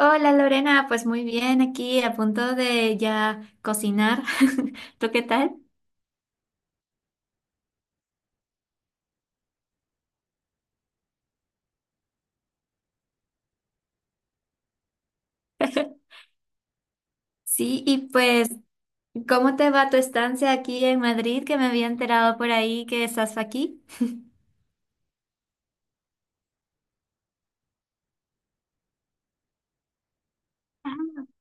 Hola Lorena, pues muy bien, aquí a punto de ya cocinar. ¿Tú qué tal? Sí, y pues, ¿cómo te va tu estancia aquí en Madrid? Que me había enterado por ahí que estás aquí.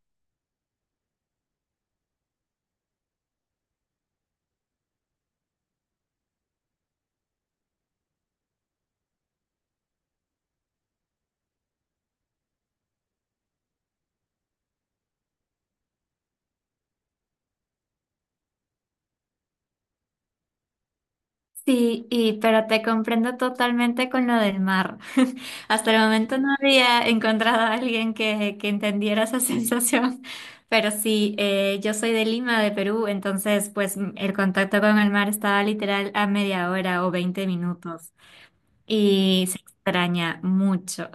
Sí, y, pero te comprendo totalmente con lo del mar. Hasta el momento no había encontrado a alguien que entendiera esa sensación, pero sí, yo soy de Lima, de Perú, entonces pues el contacto con el mar estaba literal a media hora o 20 minutos y se extraña mucho.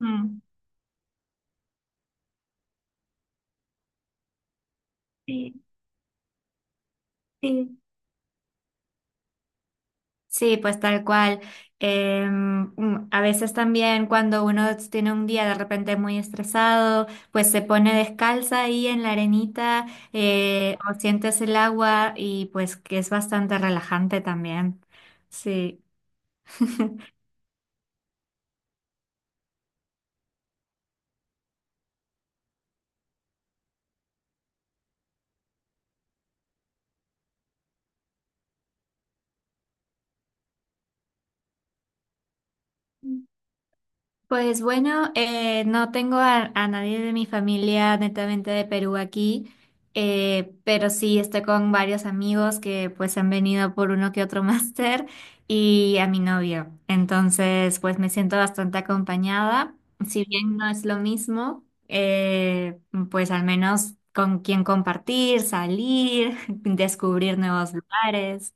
Mm, sí, sí. Sí, pues tal cual. A veces también cuando uno tiene un día de repente muy estresado, pues se pone descalza ahí en la arenita o sientes el agua y pues que es bastante relajante también. Sí. Pues bueno, no tengo a nadie de mi familia netamente de Perú aquí, pero sí estoy con varios amigos que pues han venido por uno que otro máster y a mi novio. Entonces pues me siento bastante acompañada. Si bien no es lo mismo, pues al menos con quien compartir, salir, descubrir nuevos lugares.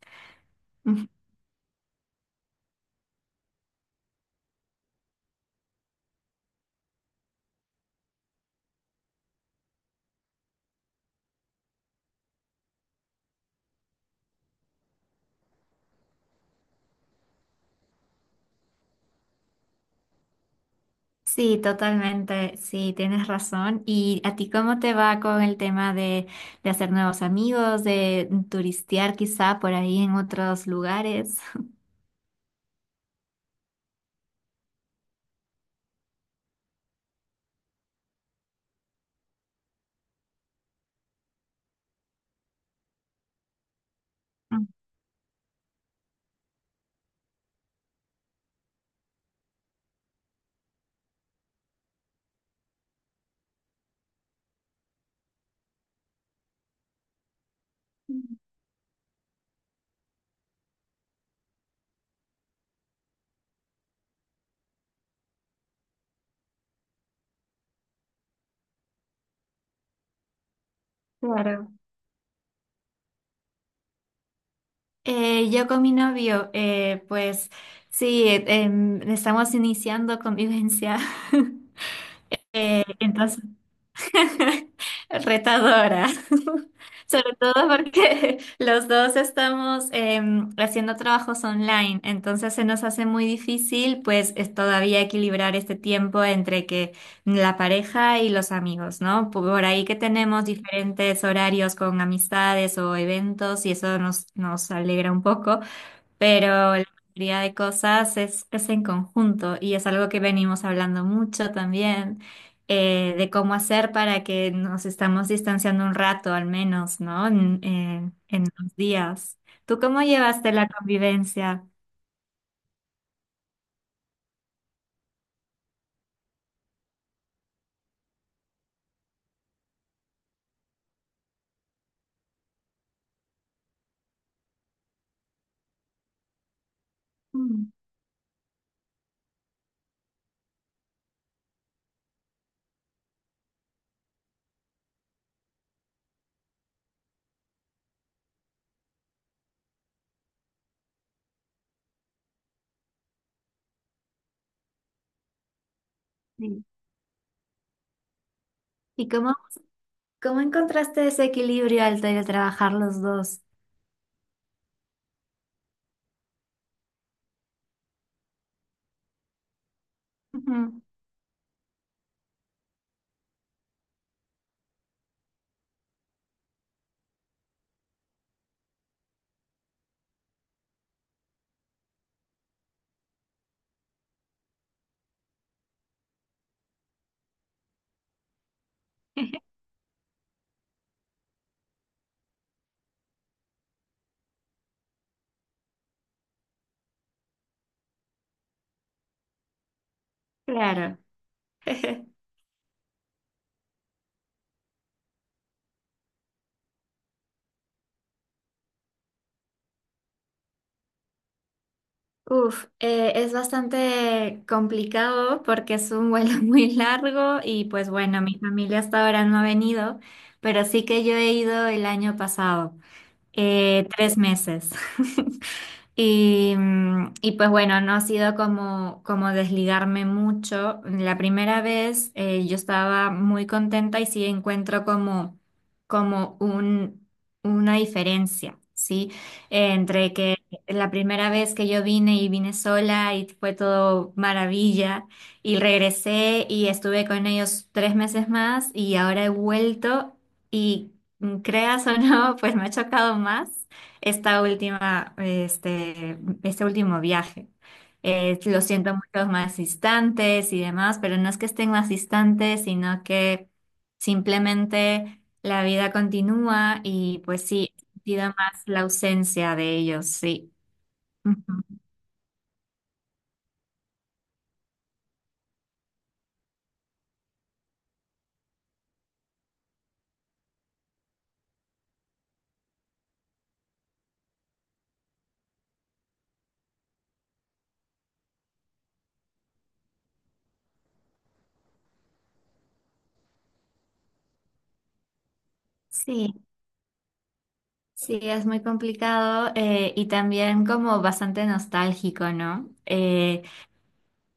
Sí, totalmente, sí, tienes razón. ¿Y a ti cómo te va con el tema de hacer nuevos amigos, de turistear quizá por ahí en otros lugares? Mm, claro. Yo con mi novio, pues sí, estamos iniciando convivencia. Entonces retadora. Sobre todo porque los dos estamos haciendo trabajos online, entonces se nos hace muy difícil pues es todavía equilibrar este tiempo entre que la pareja y los amigos, ¿no? Por ahí que tenemos diferentes horarios con amistades o eventos y eso nos alegra un poco, pero la mayoría de cosas es en conjunto y es algo que venimos hablando mucho también, de cómo hacer para que nos estamos distanciando un rato al menos, ¿no? En los días. ¿Tú cómo llevaste la convivencia? Mm, sí. ¿Y cómo, cómo encontraste ese equilibrio al trabajar los dos? Ujú, claro. Uf, es bastante complicado porque es un vuelo muy largo y pues bueno, mi familia hasta ahora no ha venido, pero sí que yo he ido el año pasado. 3 meses. Y, y pues bueno, no ha sido como desligarme mucho. La primera vez yo estaba muy contenta y sí encuentro como una diferencia, ¿sí? Entre que la primera vez que yo vine y vine sola y fue todo maravilla y regresé y estuve con ellos 3 meses más y ahora he vuelto. Y Creas o no, pues me ha chocado más esta última, este, este último viaje. Lo siento mucho más distantes y demás, pero no es que estén más distantes, sino que simplemente la vida continúa y pues sí, he sentido más la ausencia de ellos, sí. Ujú. Sí, sí, es muy complicado y también como bastante nostálgico, ¿no?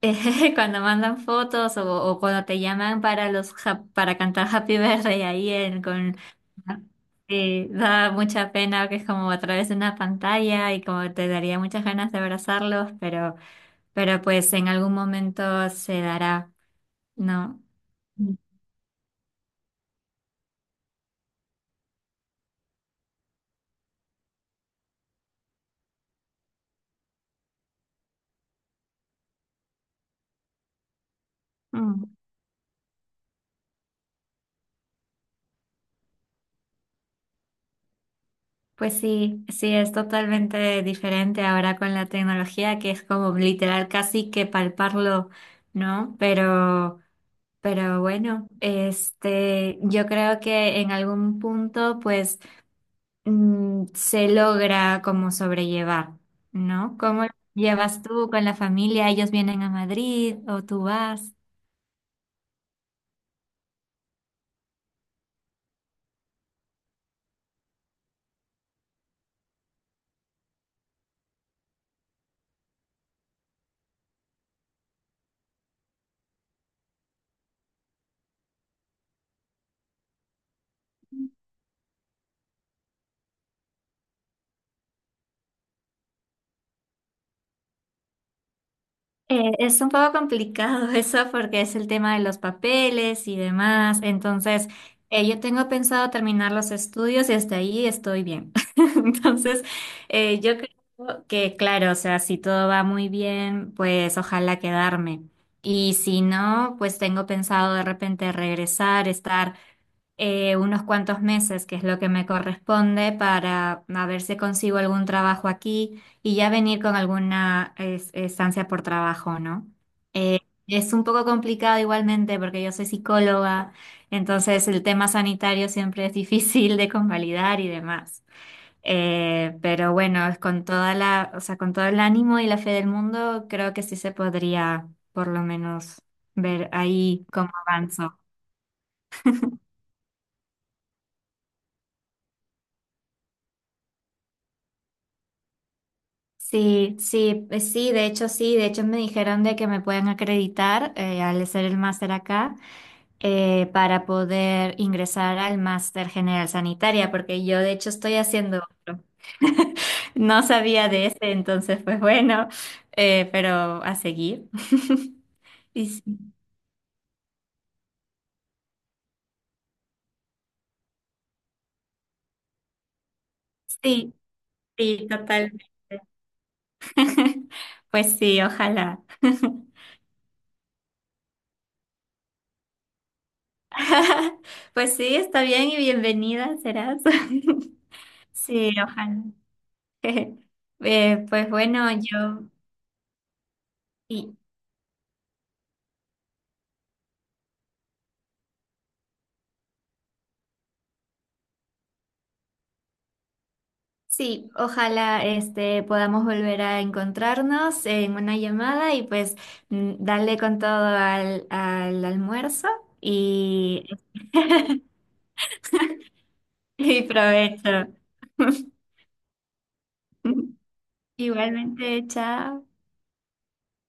cuando mandan fotos o cuando te llaman para los para cantar Happy Birthday ahí con da mucha pena que es como a través de una pantalla y como te daría muchas ganas de abrazarlos, pero pues en algún momento se dará, ¿no? Mm. Mm. Pues sí, sí, es totalmente diferente ahora con la tecnología que es como literal casi que palparlo, ¿no? Pero bueno, este, yo creo que en algún punto, pues, se logra como sobrellevar, ¿no? ¿Cómo lo llevas tú con la familia? ¿Ellos vienen a Madrid o tú vas? Es un poco complicado eso porque es el tema de los papeles y demás. Entonces, yo tengo pensado terminar los estudios y hasta ahí estoy bien. Entonces, yo creo que, claro, o sea, si todo va muy bien, pues ojalá quedarme. Y si no, pues tengo pensado de repente regresar, estar unos cuantos meses, que es lo que me corresponde, para a ver si consigo algún trabajo aquí y ya venir con alguna estancia por trabajo, ¿no? Eh, es un poco complicado igualmente porque yo soy psicóloga, entonces el tema sanitario siempre es difícil de convalidar y demás. Pero bueno, es con toda la, o sea, con todo el ánimo y la fe del mundo, creo que sí se podría por lo menos ver ahí cómo avanzo. Sí, sí, sí, de hecho me dijeron de que me pueden acreditar al hacer el máster acá para poder ingresar al máster general sanitaria, porque yo de hecho estoy haciendo otro. No sabía de ese, entonces pues bueno, pero a seguir. Y sí, sí, sí, total. Pues sí, ojalá. Pues sí, está bien y bienvenida serás. Sí, ojalá. Pues bueno, yo y, sí, ojalá este podamos volver a encontrarnos en una llamada y pues darle con todo al almuerzo y, y provecho. Igualmente, chao.